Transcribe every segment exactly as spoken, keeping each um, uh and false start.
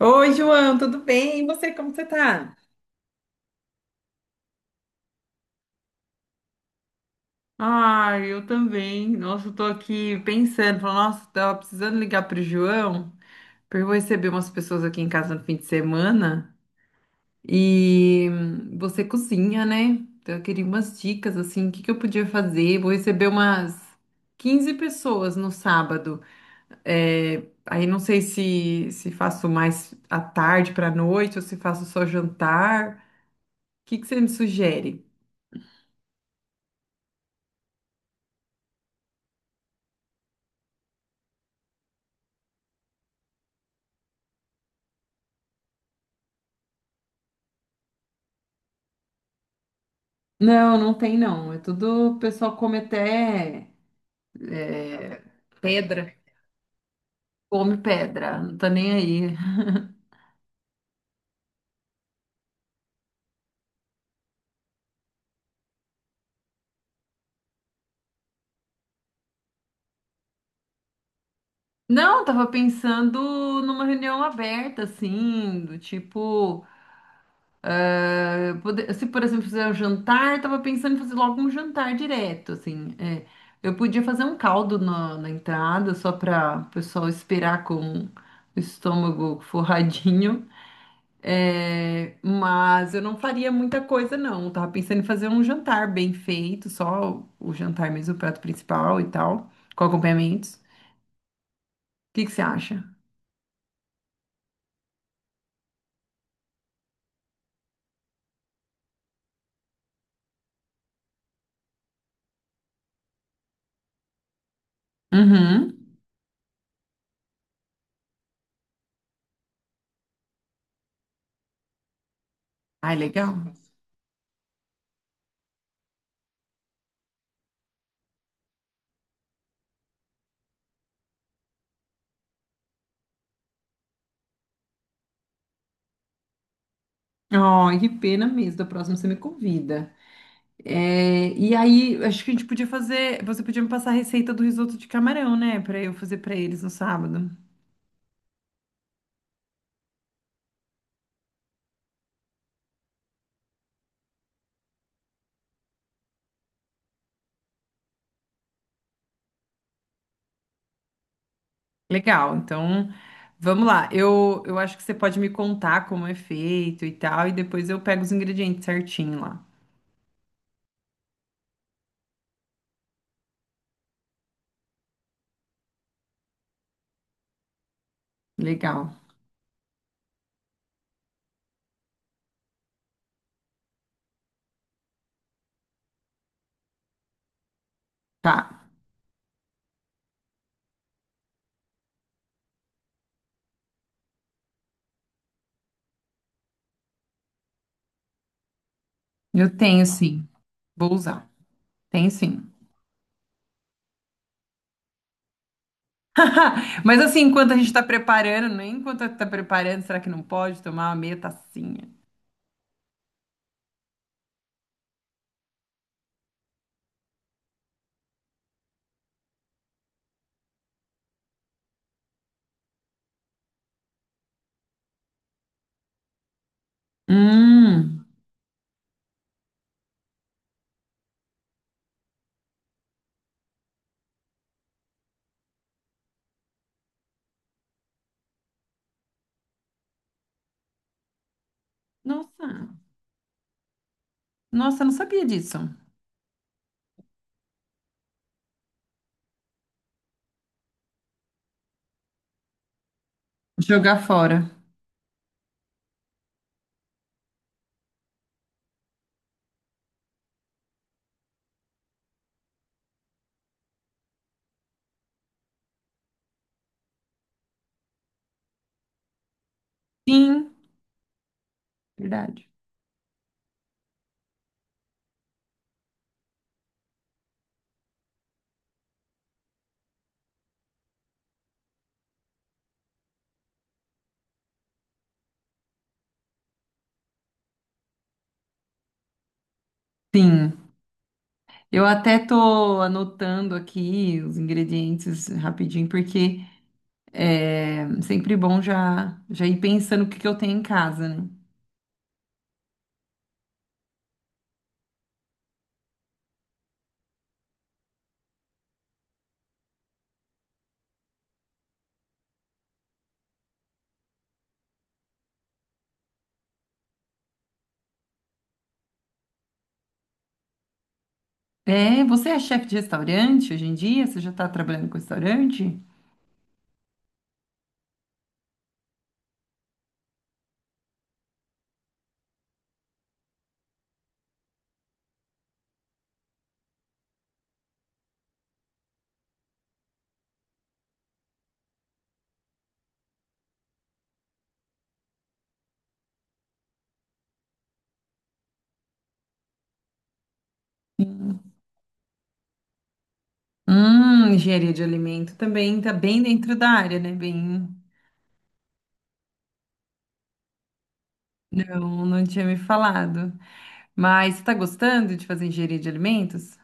Oi, João, tudo bem? E você, como você tá? Ah, eu também. Nossa, eu tô aqui pensando, falando, nossa, tava precisando ligar pro João, porque eu vou receber umas pessoas aqui em casa no fim de semana e hum, você cozinha, né? Então eu queria umas dicas assim, o que que eu podia fazer? Vou receber umas quinze pessoas no sábado. É, aí não sei se se faço mais à tarde pra noite ou se faço só jantar. O que que você me sugere? Não, não tem não. É tudo, o pessoal come até pedra. Come pedra, não tá nem aí. Não, tava pensando numa reunião aberta, assim, do tipo, eh, pode- se por exemplo fizer um jantar, tava pensando em fazer logo um jantar direto, assim. É. Eu podia fazer um caldo na, na entrada, só para o pessoal esperar com o estômago forradinho. É, mas eu não faria muita coisa, não. Eu tava pensando em fazer um jantar bem feito, só o jantar mesmo, o prato principal e tal, com acompanhamentos. O que que você acha? Uhum. Ai, legal. Ai, que pena mesmo. Da próxima você me convida. É, e aí, acho que a gente podia fazer. Você podia me passar a receita do risoto de camarão, né? Pra eu fazer pra eles no sábado. Legal, então vamos lá. Eu, eu acho que você pode me contar como é feito e tal, e depois eu pego os ingredientes certinho lá. Legal. Tá. Eu tenho sim. Vou usar. Tenho sim. Mas assim, enquanto a gente tá preparando, nem enquanto tá preparando, será que não pode tomar uma meia tacinha? Hum. Nossa. Nossa, eu não sabia disso. Jogar fora. Sim, verdade. Sim. Eu até tô anotando aqui os ingredientes rapidinho, porque é sempre bom já, já ir pensando o que que eu tenho em casa, né? É, você é chefe de restaurante hoje em dia? Você já está trabalhando com restaurante? Sim. Hum, engenharia de alimento também está bem dentro da área, né? Bem, não, não tinha me falado. Mas você está gostando de fazer engenharia de alimentos?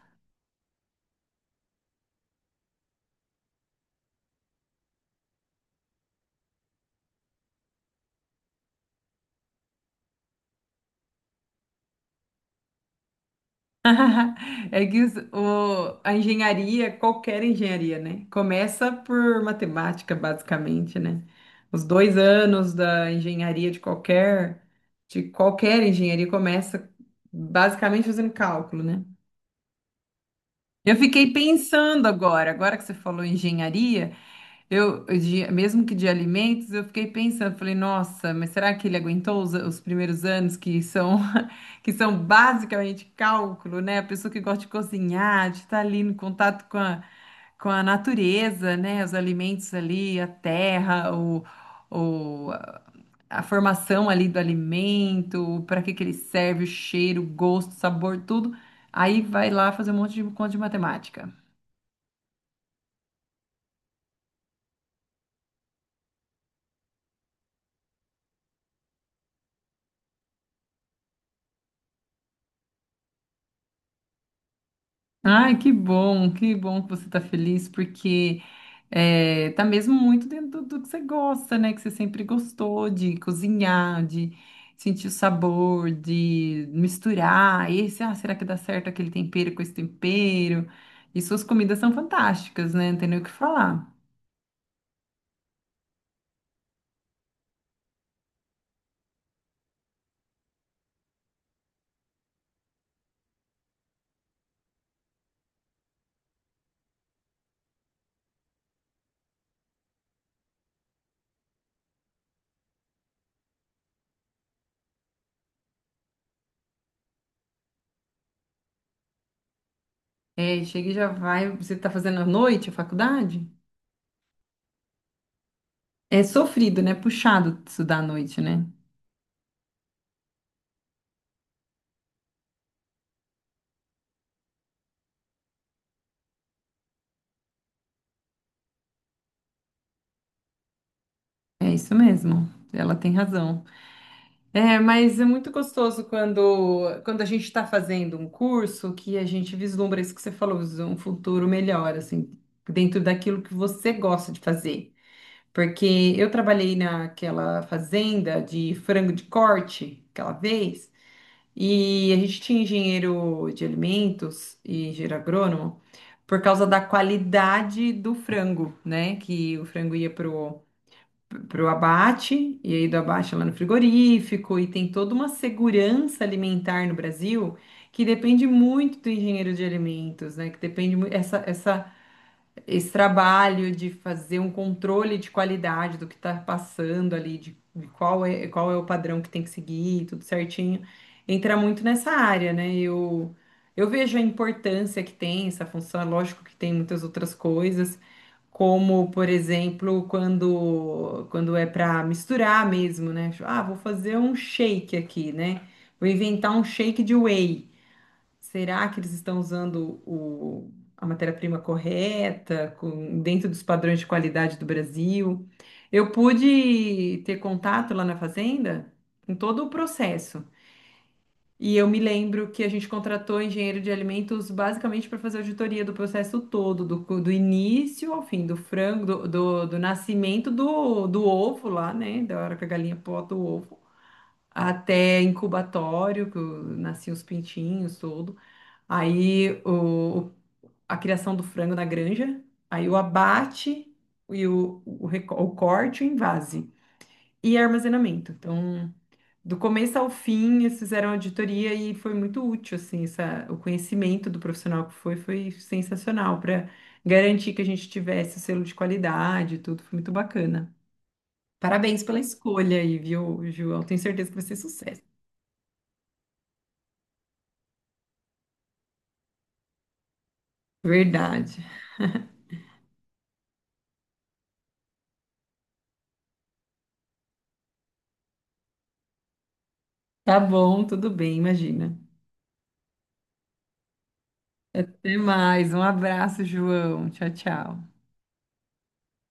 É que os- o, a engenharia, qualquer engenharia, né? Começa por matemática, basicamente, né? Os dois anos da engenharia de qualquer, de qualquer engenharia começa basicamente fazendo cálculo, né? Eu fiquei pensando agora, agora que você falou em engenharia, eu de- mesmo que de alimentos, eu fiquei pensando, falei, nossa, mas será que ele aguentou os, os primeiros anos que são que são basicamente cálculo, né? A pessoa que gosta de cozinhar, de estar ali no contato com a, com a natureza, né? Os alimentos ali, a terra, o, o, a a formação ali do alimento, para que que ele serve, o cheiro, o gosto, o sabor, tudo. Aí vai lá fazer um monte de conta de matemática. Ai, que bom, que bom que você tá feliz, porque eh, tá mesmo muito dentro do, do que você gosta, né? Que você sempre gostou de cozinhar, de sentir o sabor, de misturar. Esse, ah, será que dá certo aquele tempero com esse tempero? E suas comidas são fantásticas, né? Não tem nem o que falar. É, chega e já vai. Você tá fazendo à noite a faculdade? É sofrido, né? Puxado estudar à noite, né? É isso mesmo. Ela tem razão. É, mas é muito gostoso quando, quando a gente está fazendo um curso que a gente vislumbra isso que você falou, visu- um futuro melhor, assim, dentro daquilo que você gosta de fazer. Porque eu trabalhei naquela fazenda de frango de corte aquela vez, e a gente tinha engenheiro de alimentos e engenheiro agrônomo por causa da qualidade do frango, né? Que o frango ia para o abate, e aí do abate é lá no frigorífico, e tem toda uma segurança alimentar no Brasil que depende muito do engenheiro de alimentos, né? Que depende muito essa, essa, esse trabalho de fazer um controle de qualidade do que está passando ali, de, de qual é, qual é o padrão que tem que seguir, tudo certinho, entra muito nessa área, né? Eu, eu vejo a importância que tem essa função, é lógico que tem muitas outras coisas. Como, por exemplo, quando, quando é para misturar mesmo, né? Tipo, ah, vou fazer um shake aqui, né? Vou inventar um shake de whey. Será que eles estão usando o, a matéria-prima correta, com- dentro dos padrões de qualidade do Brasil? Eu pude ter contato lá na fazenda com todo o processo. E eu me lembro que a gente contratou engenheiro de alimentos basicamente para fazer auditoria do processo todo, do, cu- do início ao fim, do frango, do, do, do nascimento do, do ovo lá, né? Da hora que a galinha bota o ovo, até incubatório, que o- nasciam os pintinhos, tudo. Aí o, o- a criação do frango na granja, aí o abate e o, o, reco- o corte, o envase e armazenamento. Então do começo ao fim, eles fizeram auditoria e foi muito útil, assim, essa, o conhecimento do profissional que foi, foi sensacional para garantir que a gente tivesse o selo de qualidade e tudo, foi muito bacana. Parabéns pela escolha aí, viu, João? Tenho certeza que vai ser sucesso. Verdade. Tá bom, tudo bem, imagina. Até mais, um abraço, João. Tchau, tchau.